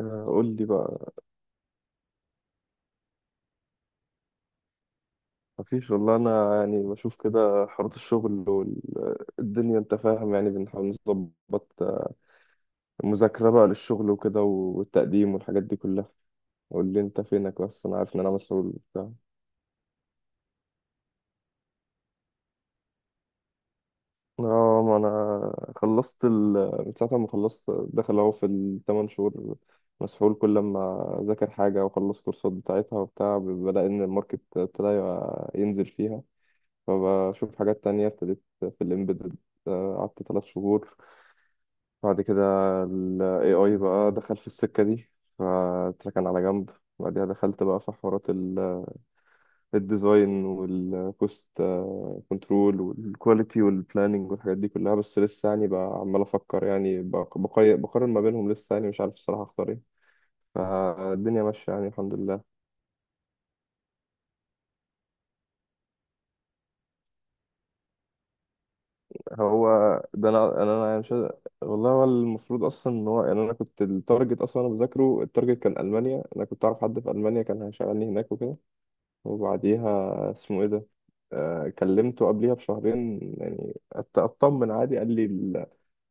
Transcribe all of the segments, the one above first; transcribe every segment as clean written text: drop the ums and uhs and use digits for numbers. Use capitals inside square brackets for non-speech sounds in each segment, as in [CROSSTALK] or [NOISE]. آه، قول لي بقى. مفيش والله، انا يعني بشوف كده حوارات الشغل والدنيا، انت فاهم، يعني بنحاول نظبط المذاكرة بقى للشغل وكده والتقديم والحاجات دي كلها. قول لي انت فينك، بس انا عارف ان انا مسؤول وبتاع. اه، ما انا خلصت من ساعة ما خلصت داخل اهو في الثمان شهور، مسحول. كل ما اذاكر حاجة واخلص كورسات بتاعتها وبتاع، بلاقي ان الماركت ابتدى ينزل فيها. فبشوف حاجات تانية، ابتديت في الامبيدد، قعدت ثلاث شهور. بعد كده ال AI بقى دخل في السكة دي، فاتركن على جنب. بعدها دخلت بقى في حوارات الديزاين والكوست كنترول والكواليتي والبلاننج والحاجات دي كلها، بس لسه يعني بقى عمال أفكر، يعني بقارن ما بينهم. لسه يعني مش عارف الصراحة أختار إيه. فالدنيا ماشية يعني، الحمد لله. هو ده، أنا يعني مش عايز- والله هو المفروض أصلا إن هو، يعني أنا كنت التارجت أصلا، أنا بذاكره التارجت كان ألمانيا. أنا كنت أعرف حد في ألمانيا كان هيشغلني هناك وكده، وبعديها اسمه ايه ده، آه، كلمته قبليها بشهرين يعني، اطمن عادي. قال لي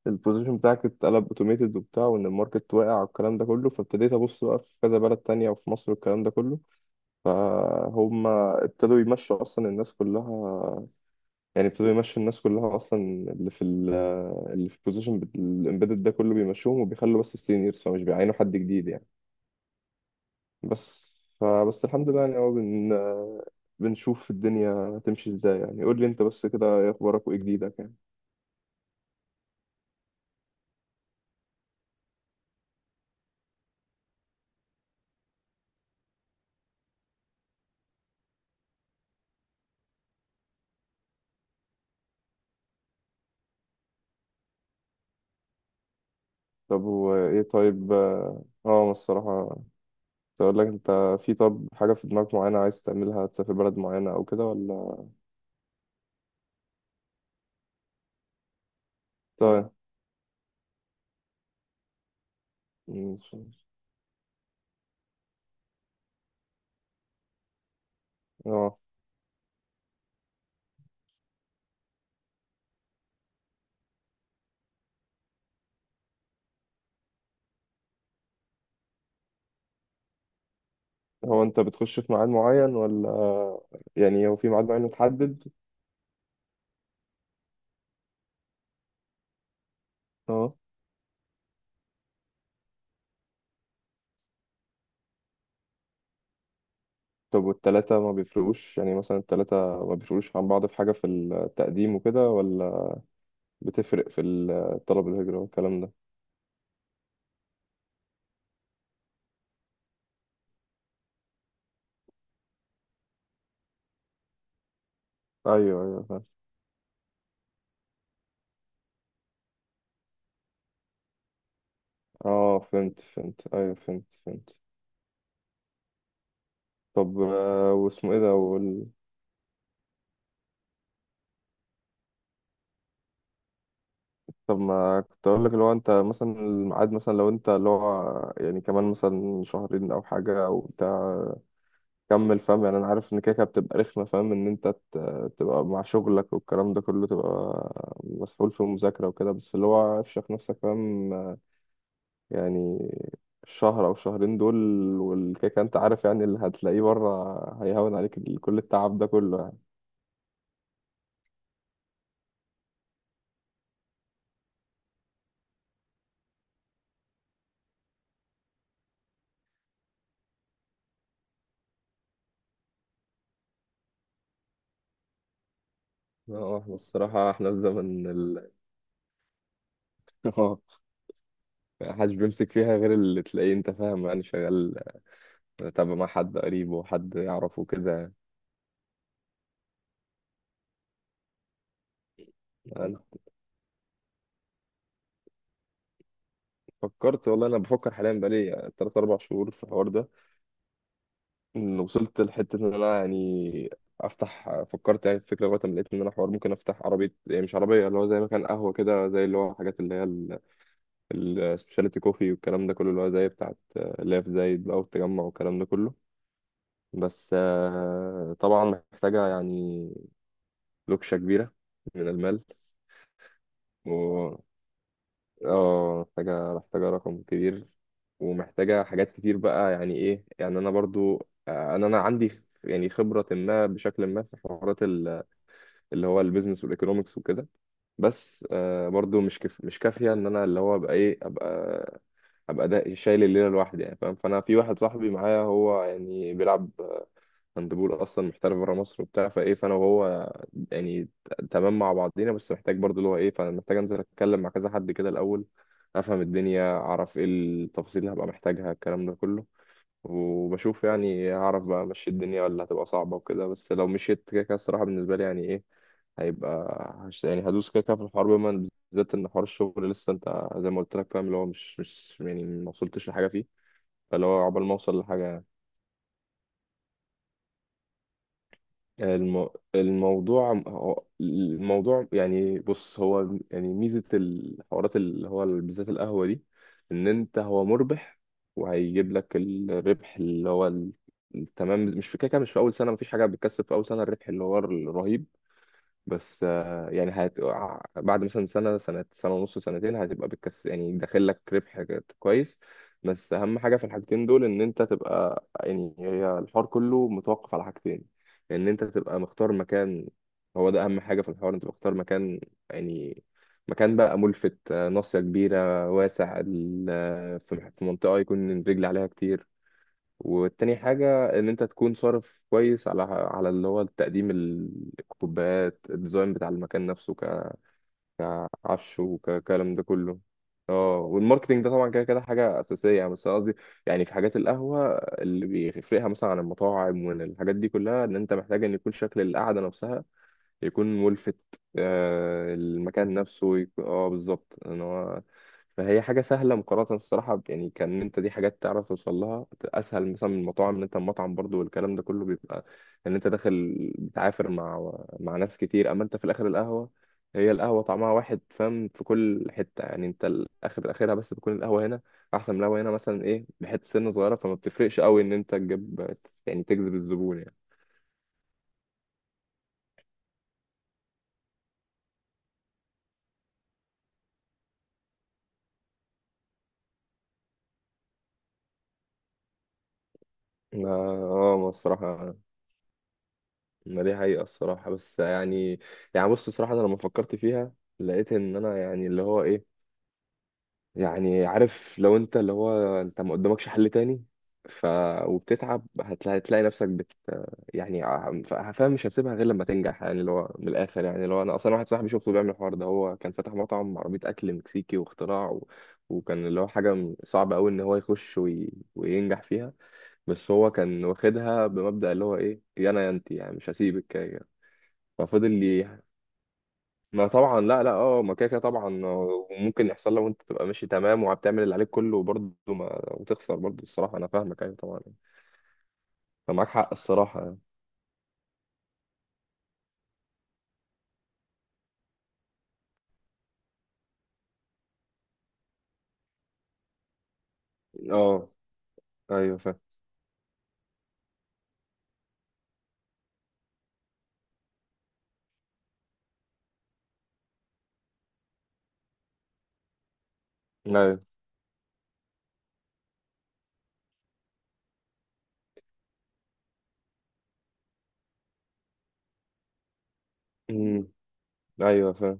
البوزيشن بتاعك اتقلب اوتوميتد وبتاع، وان الماركت واقع والكلام ده كله. فابتديت ابص بقى في كذا بلد تانية، وفي مصر والكلام ده كله. فهم ابتدوا يمشوا اصلا الناس كلها، يعني ابتدوا يمشوا الناس كلها اصلا، اللي في اللي في البوزيشن الامبيدد ده كله بيمشوهم، وبيخلوا بس السينيورز، فمش بيعينوا حد جديد يعني. بس، فبس الحمد لله يعني. هو بنشوف الدنيا تمشي ازاي يعني. قول لي انت بس كده، ايه اخبارك وايه جديدك يعني؟ طب هو ايه؟ طيب، اه، أنا الصراحة كنت اقول لك انت، في طب حاجة في دماغك معينة عايز تعملها، تسافر بلد معينة او كده ولا؟ طيب. مش- اه. هو انت بتخش في ميعاد معين ولا؟ يعني هو في ميعاد معين متحدد؟ اه. طب والتلاتة ما بيفرقوش يعني؟ مثلا التلاتة ما بيفرقوش عن بعض في حاجة في التقديم وكده، ولا بتفرق في الطلب الهجرة والكلام ده؟ ايوه، ايوه. اه، فهمت فهمت، ايوه فهمت فهمت. طب واسمه ايه ده طب ما كنت اقول لك، لو انت مثلا الميعاد، مثلا لو انت اللي هو يعني كمان مثلا شهرين او حاجه او بتاع، كمل. فاهم يعني، انا عارف ان كده كده بتبقى رخمه، فاهم، ان انت تبقى مع شغلك والكلام ده كله، تبقى مسؤول في المذاكره وكده، بس اللي هو افشخ نفسك، فاهم يعني، الشهر او شهرين دول، والكيكه انت عارف يعني اللي هتلاقيه بره، هيهون عليك كل التعب ده كله. اه احنا الصراحة احنا في زمن ال [LAUGHS] اه، محدش بيمسك فيها غير اللي تلاقيه انت، فاهم يعني، شغال تابع مع حد قريب وحد يعرفه كده. يعني، انا فكرت والله، انا بفكر حاليا بقالي تلات اربع شهور في الحوار ده، ان وصلت لحتة ان انا يعني افتح. فكرت يعني في فكرة، لغاية ما لقيت ان انا حوار ممكن افتح عربية، يعني مش عربية، اللي هو زي مكان قهوة كده، زي اللي هو الحاجات اللي هي السبيشاليتي كوفي والكلام ده كله، اللي هو زي بتاعت اللي هي في زايد بقى والتجمع والكلام ده كله. بس طبعا محتاجة يعني لوكشة كبيرة من المال. و اه، محتاجة، محتاجة رقم كبير، ومحتاجة حاجات كتير بقى يعني. ايه يعني، انا برضو انا عندي يعني خبرة ما بشكل ما في حوارات اللي هو البيزنس والايكونومكس وكده، بس برضو مش كافية ان انا اللي هو ابقى ايه، ابقى، ابقى ده شايل الليلة لوحدي يعني، فاهم. فانا في واحد صاحبي معايا، هو يعني بيلعب هاندبول، اصلا محترف بره مصر وبتاع. فايه، فانا وهو يعني تمام مع بعضينا، بس محتاج برضه اللي هو ايه، فانا محتاج انزل اتكلم مع كذا حد كده الاول، افهم الدنيا، اعرف ايه التفاصيل اللي هبقى محتاجها الكلام ده كله. وبشوف يعني هعرف بقى امشي الدنيا، ولا هتبقى صعبة وكده. بس لو مشيت كده كده الصراحة بالنسبة لي، يعني ايه، هيبقى هش يعني، هدوس كده كده في الحوار، بما بالذات ان حوار الشغل لسه انت زي ما قلت لك، فاهم اللي هو مش يعني ما وصلتش لحاجة فيه، فاللي هو عقبال ما اوصل لحاجة. الم... الموضوع الموضوع يعني، بص، هو يعني ميزة الحوارات اللي هو بالذات القهوة دي، إن أنت هو مربح، وهيجيب لك الربح اللي هو التمام. مش في كده كده، مش في أول سنة، مفيش حاجة بتكسب في أول سنة الربح اللي هو الرهيب، بس يعني هت... آه، بعد مثلا سنة سنة، سنة ونص، سنتين، هتبقى بتكس يعني داخل لك ربح كويس. بس أهم حاجة في الحاجتين دول، إن أنت تبقى، يعني هي الحوار كله متوقف على حاجتين. إن أنت تبقى مختار مكان، هو ده أهم حاجة في الحوار، أنت مختار مكان، يعني مكان بقى ملفت، ناصية كبيرة واسع في منطقة يكون الرجل عليها كتير. والتاني حاجة إن أنت تكون صارف كويس على على اللي هو التقديم، الكوبايات، الديزاين بتاع المكان نفسه، كعفش وكلام ده كله. اه، والماركتينج ده طبعا كده كده حاجة أساسية يعني، بس أنا قصدي يعني في حاجات القهوة اللي بيفرقها مثلا عن المطاعم والحاجات دي كلها، إن أنت محتاج إن يكون شكل القعدة نفسها يكون ملفت، المكان نفسه يكون اه بالظبط ان هو. فهي حاجه سهله مقارنه الصراحه، يعني كان انت، دي حاجات تعرف توصل لها اسهل مثلا من المطاعم، ان انت المطعم برضو والكلام ده كله بيبقى ان انت داخل بتعافر مع مع ناس كتير. اما انت في الاخر القهوه، هي القهوه طعمها واحد، فاهم، في كل حته يعني، انت الاخر اخرها بس بتكون القهوه هنا احسن من القهوه هنا مثلا، ايه، بحته سنه صغيره، فما بتفرقش قوي ان انت تجيب يعني، تجذب الزبون يعني. ما- اه، ما الصراحة، ما دي حقيقة الصراحة، بس يعني يعني بص الصراحة، أنا لما فكرت فيها لقيت إن أنا يعني اللي هو إيه يعني، عارف، لو أنت اللي هو أنت ما قدامكش حل تاني، ف وبتتعب هتلاقي، هتلاقي نفسك بت، يعني فاهم، مش هتسيبها غير لما تنجح. يعني اللي هو من الآخر يعني، اللي هو أنا أصلا واحد صاحبي شفته بيعمل الحوار ده، هو كان فاتح مطعم عربية أكل مكسيكي واختراع وكان اللي هو حاجة صعبة أوي إن هو يخش وينجح فيها، بس هو كان واخدها بمبدأ اللي هو إيه، يا أنا يا أنت يعني مش هسيبك. ففضل لي. ما طبعا، لا لا، اه ما كده كده طبعا وممكن يحصل، لو انت تبقى ماشي تمام وبتعمل اللي عليك كله وبرضه ما، وتخسر برضه، الصراحه انا فاهمك، ايوه طبعا يعني. فمعاك حق الصراحه يعني. اه، ايوه فاهم، ايوه، امم، ايوه فاهم.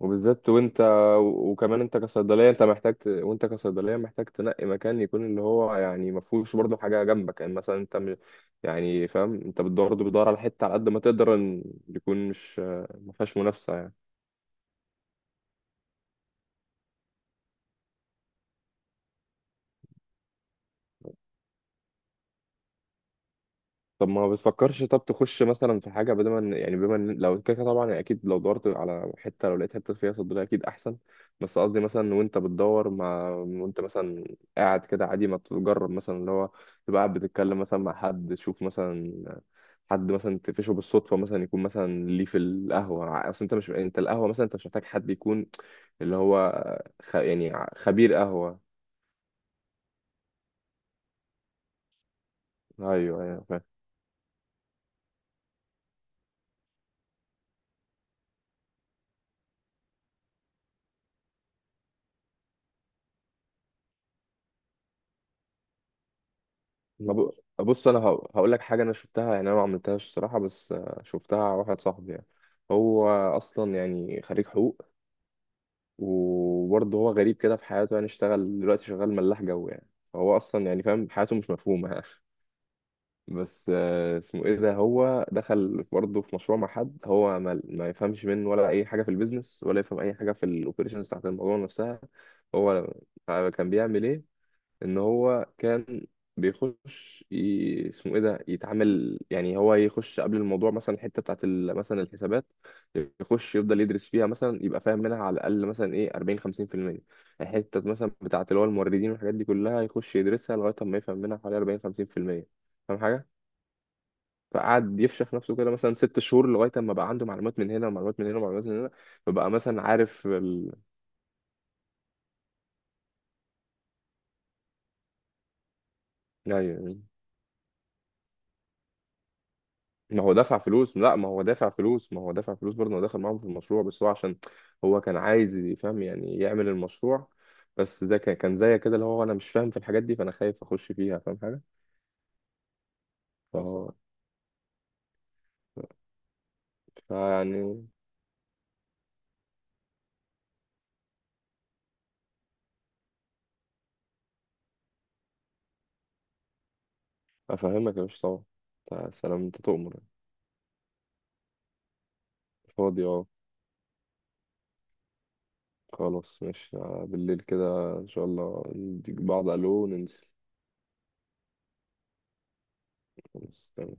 وبالذات وانت، وكمان انت كصيدليه انت محتاج وانت كصيدليه محتاج تنقي مكان يكون اللي هو يعني ما فيهوش برضه حاجه جنبك يعني، مثلا انت يعني فاهم، انت بتدور برضه، بتدور على حته على قد ما تقدر ان يكون مش ما فيهاش منافسه يعني. طب ما بتفكرش، طب تخش مثلا في حاجة، بدل ما يعني بما لو كده كده طبعا أكيد، لو دورت على حتة لو لقيت حتة فيها صيدلية أكيد أحسن، بس قصدي مثلا وأنت بتدور، مع وأنت مثلا قاعد كده عادي، ما تجرب مثلا اللي هو تبقى قاعد بتتكلم مثلا مع حد، تشوف مثلا حد مثلا تقفشه بالصدفة، مثلا يكون مثلا ليه في القهوة، أصل أنت مش، أنت القهوة مثلا أنت مش محتاج حد يكون اللي هو يعني خبير قهوة. أيوه، أيوه. ما ب- بص، انا هقول لك حاجه، انا شفتها يعني، انا ما عملتهاش الصراحه، بس شفتها على واحد صاحبي يعني. هو اصلا يعني خريج حقوق، وبرضه هو غريب كده في حياته يعني، اشتغل دلوقتي شغال ملاح جو يعني، فهو اصلا يعني فاهم حياته مش مفهومه يعني [LAUGHS] بس اسمه ايه ده، هو دخل برضه في مشروع مع حد، هو ما يفهمش منه ولا اي حاجه في البيزنس، ولا يفهم اي حاجه في الاوبريشنز بتاعت الموضوع نفسها. هو كان بيعمل ايه، ان هو كان بيخش اسمه ايه ده، يتعامل يعني، هو يخش قبل الموضوع مثلا الحته مثلا الحسابات، يخش يفضل يدرس فيها مثلا يبقى فاهم منها على الاقل مثلا ايه 40 50%. الحته مثلا بتاعت اللي هو الموردين والحاجات دي كلها يخش يدرسها لغايه ما يفهم منها حوالي 40 50%، فاهم حاجه. فقعد يفشخ نفسه كده مثلا ست شهور، لغايه ما بقى عنده معلومات من هنا، ومعلومات من هنا، ومعلومات من هنا. فبقى مثلا عارف ايوه. ما هو دافع فلوس، لا، ما هو دافع فلوس، ما هو دافع فلوس برضه، هو دخل معاهم في المشروع، بس هو عشان هو كان عايز يفهم يعني يعمل المشروع، بس ده كان كان زي كده اللي هو انا مش فاهم في الحاجات دي، فانا خايف اخش فيها، فاهم حاجه. فهو فيعني افهمك يا باشا، طبعا، يا سلام، انت تؤمر يعني. فاضي اه. خلاص ماشي، بالليل كده ان شاء الله، نديك بعض الو وننزل. خلاص تمام.